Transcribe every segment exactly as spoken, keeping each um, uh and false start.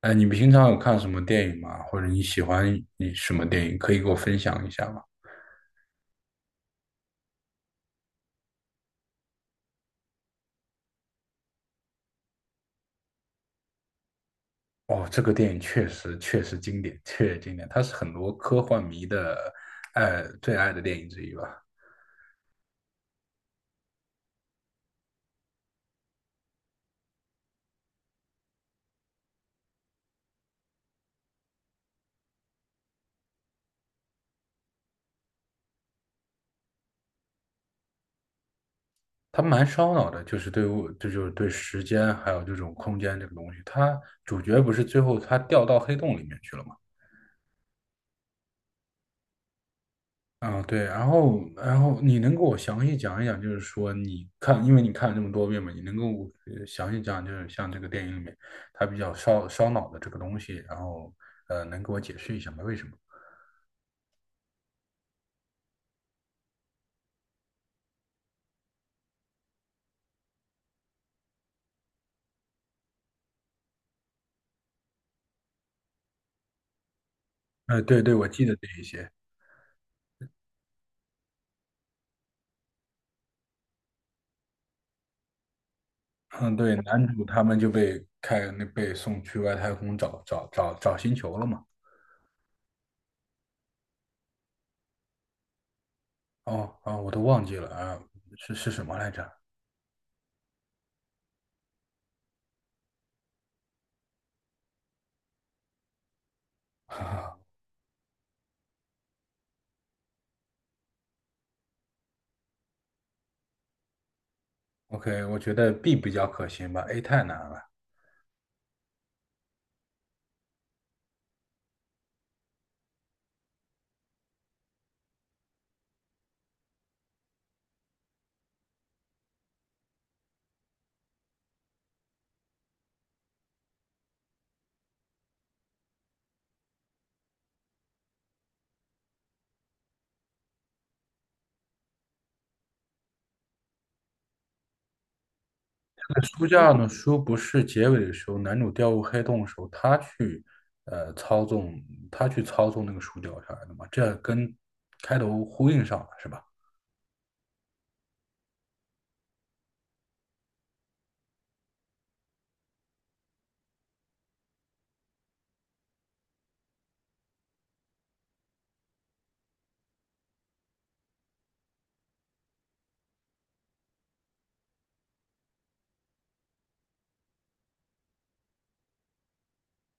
哎，你平常有看什么电影吗？或者你喜欢你什么电影？可以给我分享一下吗？哦，这个电影确实确实经典，确实经典，它是很多科幻迷的爱最爱的电影之一吧。它蛮烧脑的，就是对物，这就是对时间还有这种空间这个东西。它主角不是最后他掉到黑洞里面去了吗？啊，对，然后，然后你能给我详细讲一讲，就是说你看，因为你看了这么多遍嘛，你能给我呃详细讲，就是像这个电影里面它比较烧烧脑的这个东西，然后呃，能给我解释一下吗？为什么？呃，对对，我记得这一些。嗯，对，男主他们就被开那被送去外太空找找找找星球了嘛。哦啊，我都忘记了啊，是是什么来着 啊？OK，我觉得 B 比较可行吧，A 太难了。书架呢？书不是结尾的时候，男主掉入黑洞的时候，他去呃操纵，他去操纵那个书掉下来的嘛，这跟开头呼应上了是吧？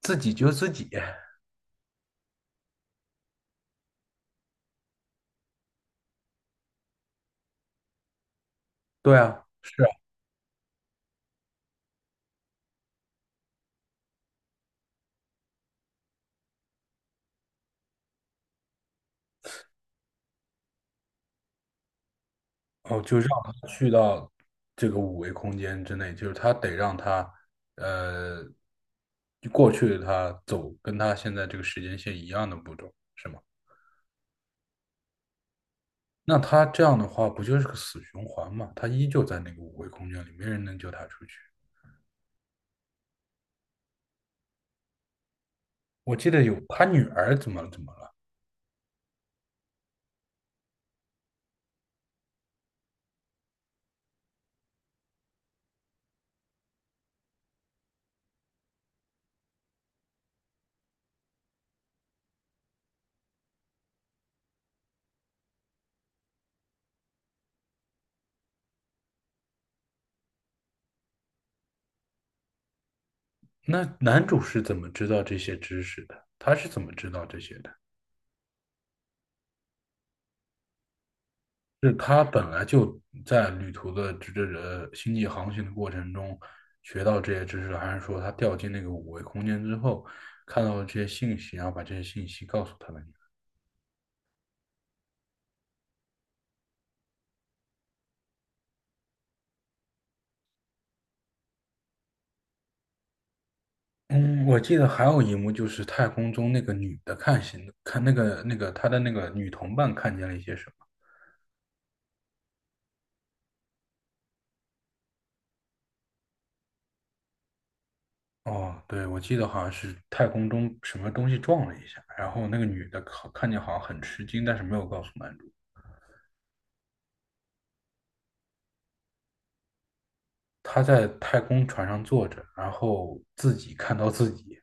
自己救自己，对啊，是啊，哦，就让他去到这个五维空间之内，就是他得让他呃过去的他走跟他现在这个时间线一样的步骤，是吗？那他这样的话，不就是个死循环嘛？他依旧在那个五维空间里，没人能救他出去。我记得有他女儿怎么怎么了？那男主是怎么知道这些知识的？他是怎么知道这些的？是他本来就在旅途的这这呃星际航行的过程中学到这些知识还是说他掉进那个五维空间之后看到了这些信息，然后把这些信息告诉他的女儿？嗯，我记得还有一幕就是太空中那个女的看星，看那个那个她的那个女同伴看见了一些什么。哦，对，我记得好像是太空中什么东西撞了一下，然后那个女的看看见好像很吃惊，但是没有告诉男主。她在太空船上坐着，然后自己看到自己。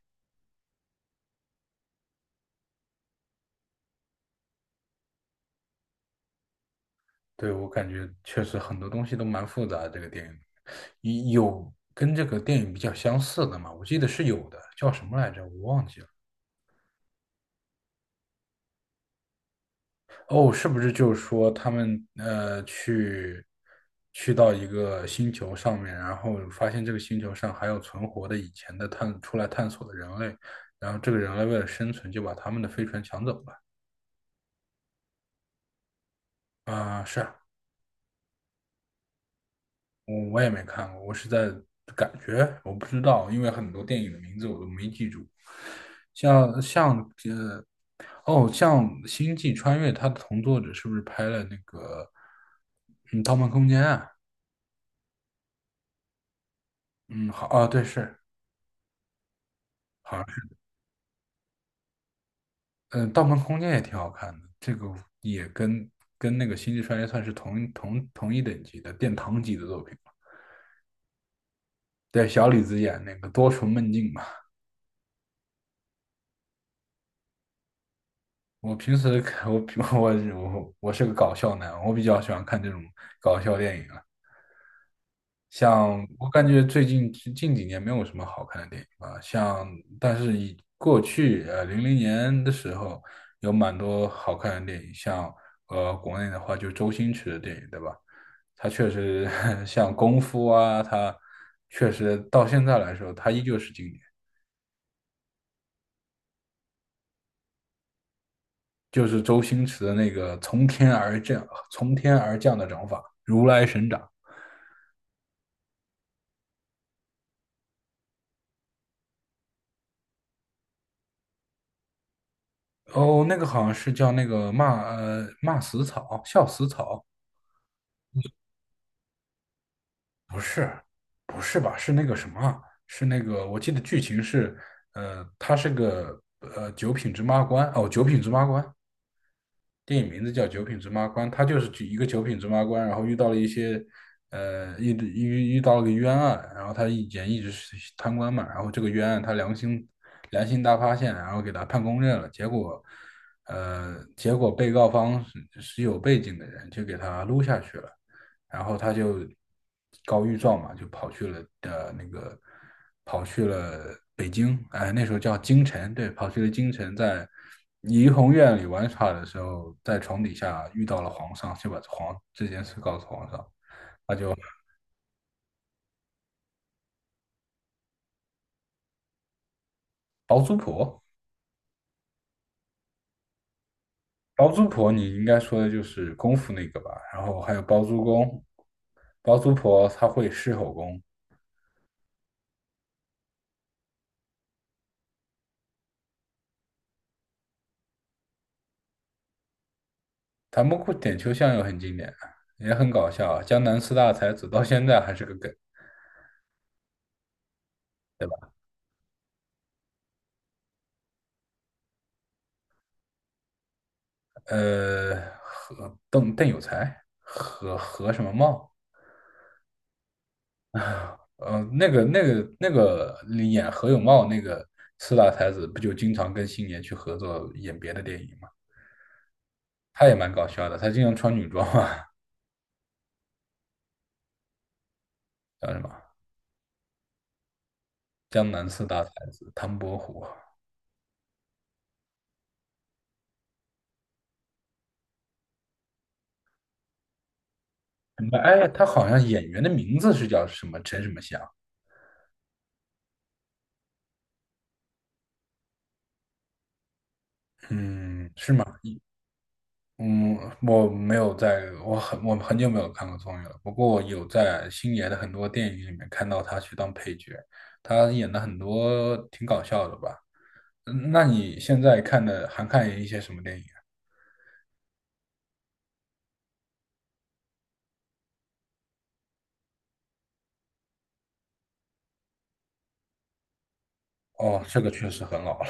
对，我感觉确实很多东西都蛮复杂的这个电影有有跟这个电影比较相似的吗？我记得是有的，叫什么来着？我忘记了。哦，是不是就是说他们呃去去到一个星球上面，然后发现这个星球上还有存活的以前的探出来探索的人类，然后这个人类为了生存就把他们的飞船抢走了。啊、是啊我我也没看过，我是在感觉，我不知道，因为很多电影的名字我都没记住，像像呃哦，像《星际穿越》，它的同作者是不是拍了那个嗯《盗梦空间》啊？嗯，好啊，对，是好，像是，嗯，《盗梦空间》也挺好看的，这个也跟跟那个《星际穿越》算是同一同同一等级的殿堂级的作品吧。对，小李子演那个多重梦境嘛。我平时看我我我我是个搞笑男，我比较喜欢看这种搞笑电影啊。像我感觉最近近几年没有什么好看的电影吧，像但是以过去呃零零年的时候有蛮多好看的电影，像呃国内的话就周星驰的电影，对吧？他确实 像功夫啊，他确实到现在来说，他依旧是经典，就是周星驰的那个从天而降，从天而降的掌法，如来神掌。哦，那个好像是叫那个骂呃骂死草，笑死草。不是，不是吧？是那个什么？是那个？我记得剧情是，呃，他是个呃九品芝麻官哦，九品芝麻官。电影名字叫《九品芝麻官》，他就是举一个九品芝麻官，然后遇到了一些，呃，遇遇遇到了个冤案，然后他以前一直是贪官嘛，然后这个冤案他良心良心大发现，然后给他判公正了，结果，呃，结果被告方是是有背景的人，就给他撸下去了。然后他就告御状嘛，就跑去了的那个跑去了北京，哎，那时候叫京城，对，跑去了京城，在怡红院里玩耍的时候，在床底下遇到了皇上，就把皇这件事告诉皇上，他就包租婆，包租婆你应该说的就是功夫那个吧，然后还有包租公，包租婆她会狮吼功，他们过点秋香又很经典啊，也很搞笑啊，江南四大才子到现在还是个梗。对吧？呃，何邓邓有才，何何什么茂？呃，那个那个那个演何有茂那个四大才子，不就经常跟星爷去合作演别的电影吗？他也蛮搞笑的，他经常穿女装啊，叫什么江南四大才子唐伯虎什么？哎，他好像演员的名字是叫什么陈什么祥？嗯，是吗？嗯，我没有在，我很我很久没有看过综艺了。不过我有在星爷的很多电影里面看到他去当配角，他演的很多挺搞笑的吧？嗯那你现在看的还看一些什么电影啊？哦，这个确实很老了，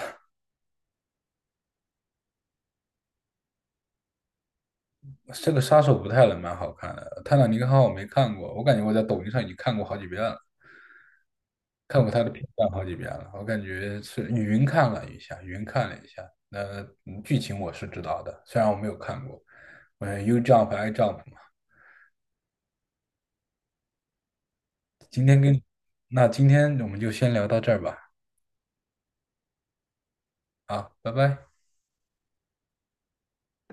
这个《杀手不太冷》蛮好看的，《泰坦尼克号》我没看过，我感觉我在抖音上已经看过好几遍了。看过他的片段好几遍了，我感觉是云看了一下，云看了一下，那嗯剧情我是知道的，虽然我没有看过，嗯，U Jump I Jump 嘛。今天跟，那今天我们就先聊到这儿吧，啊，拜拜。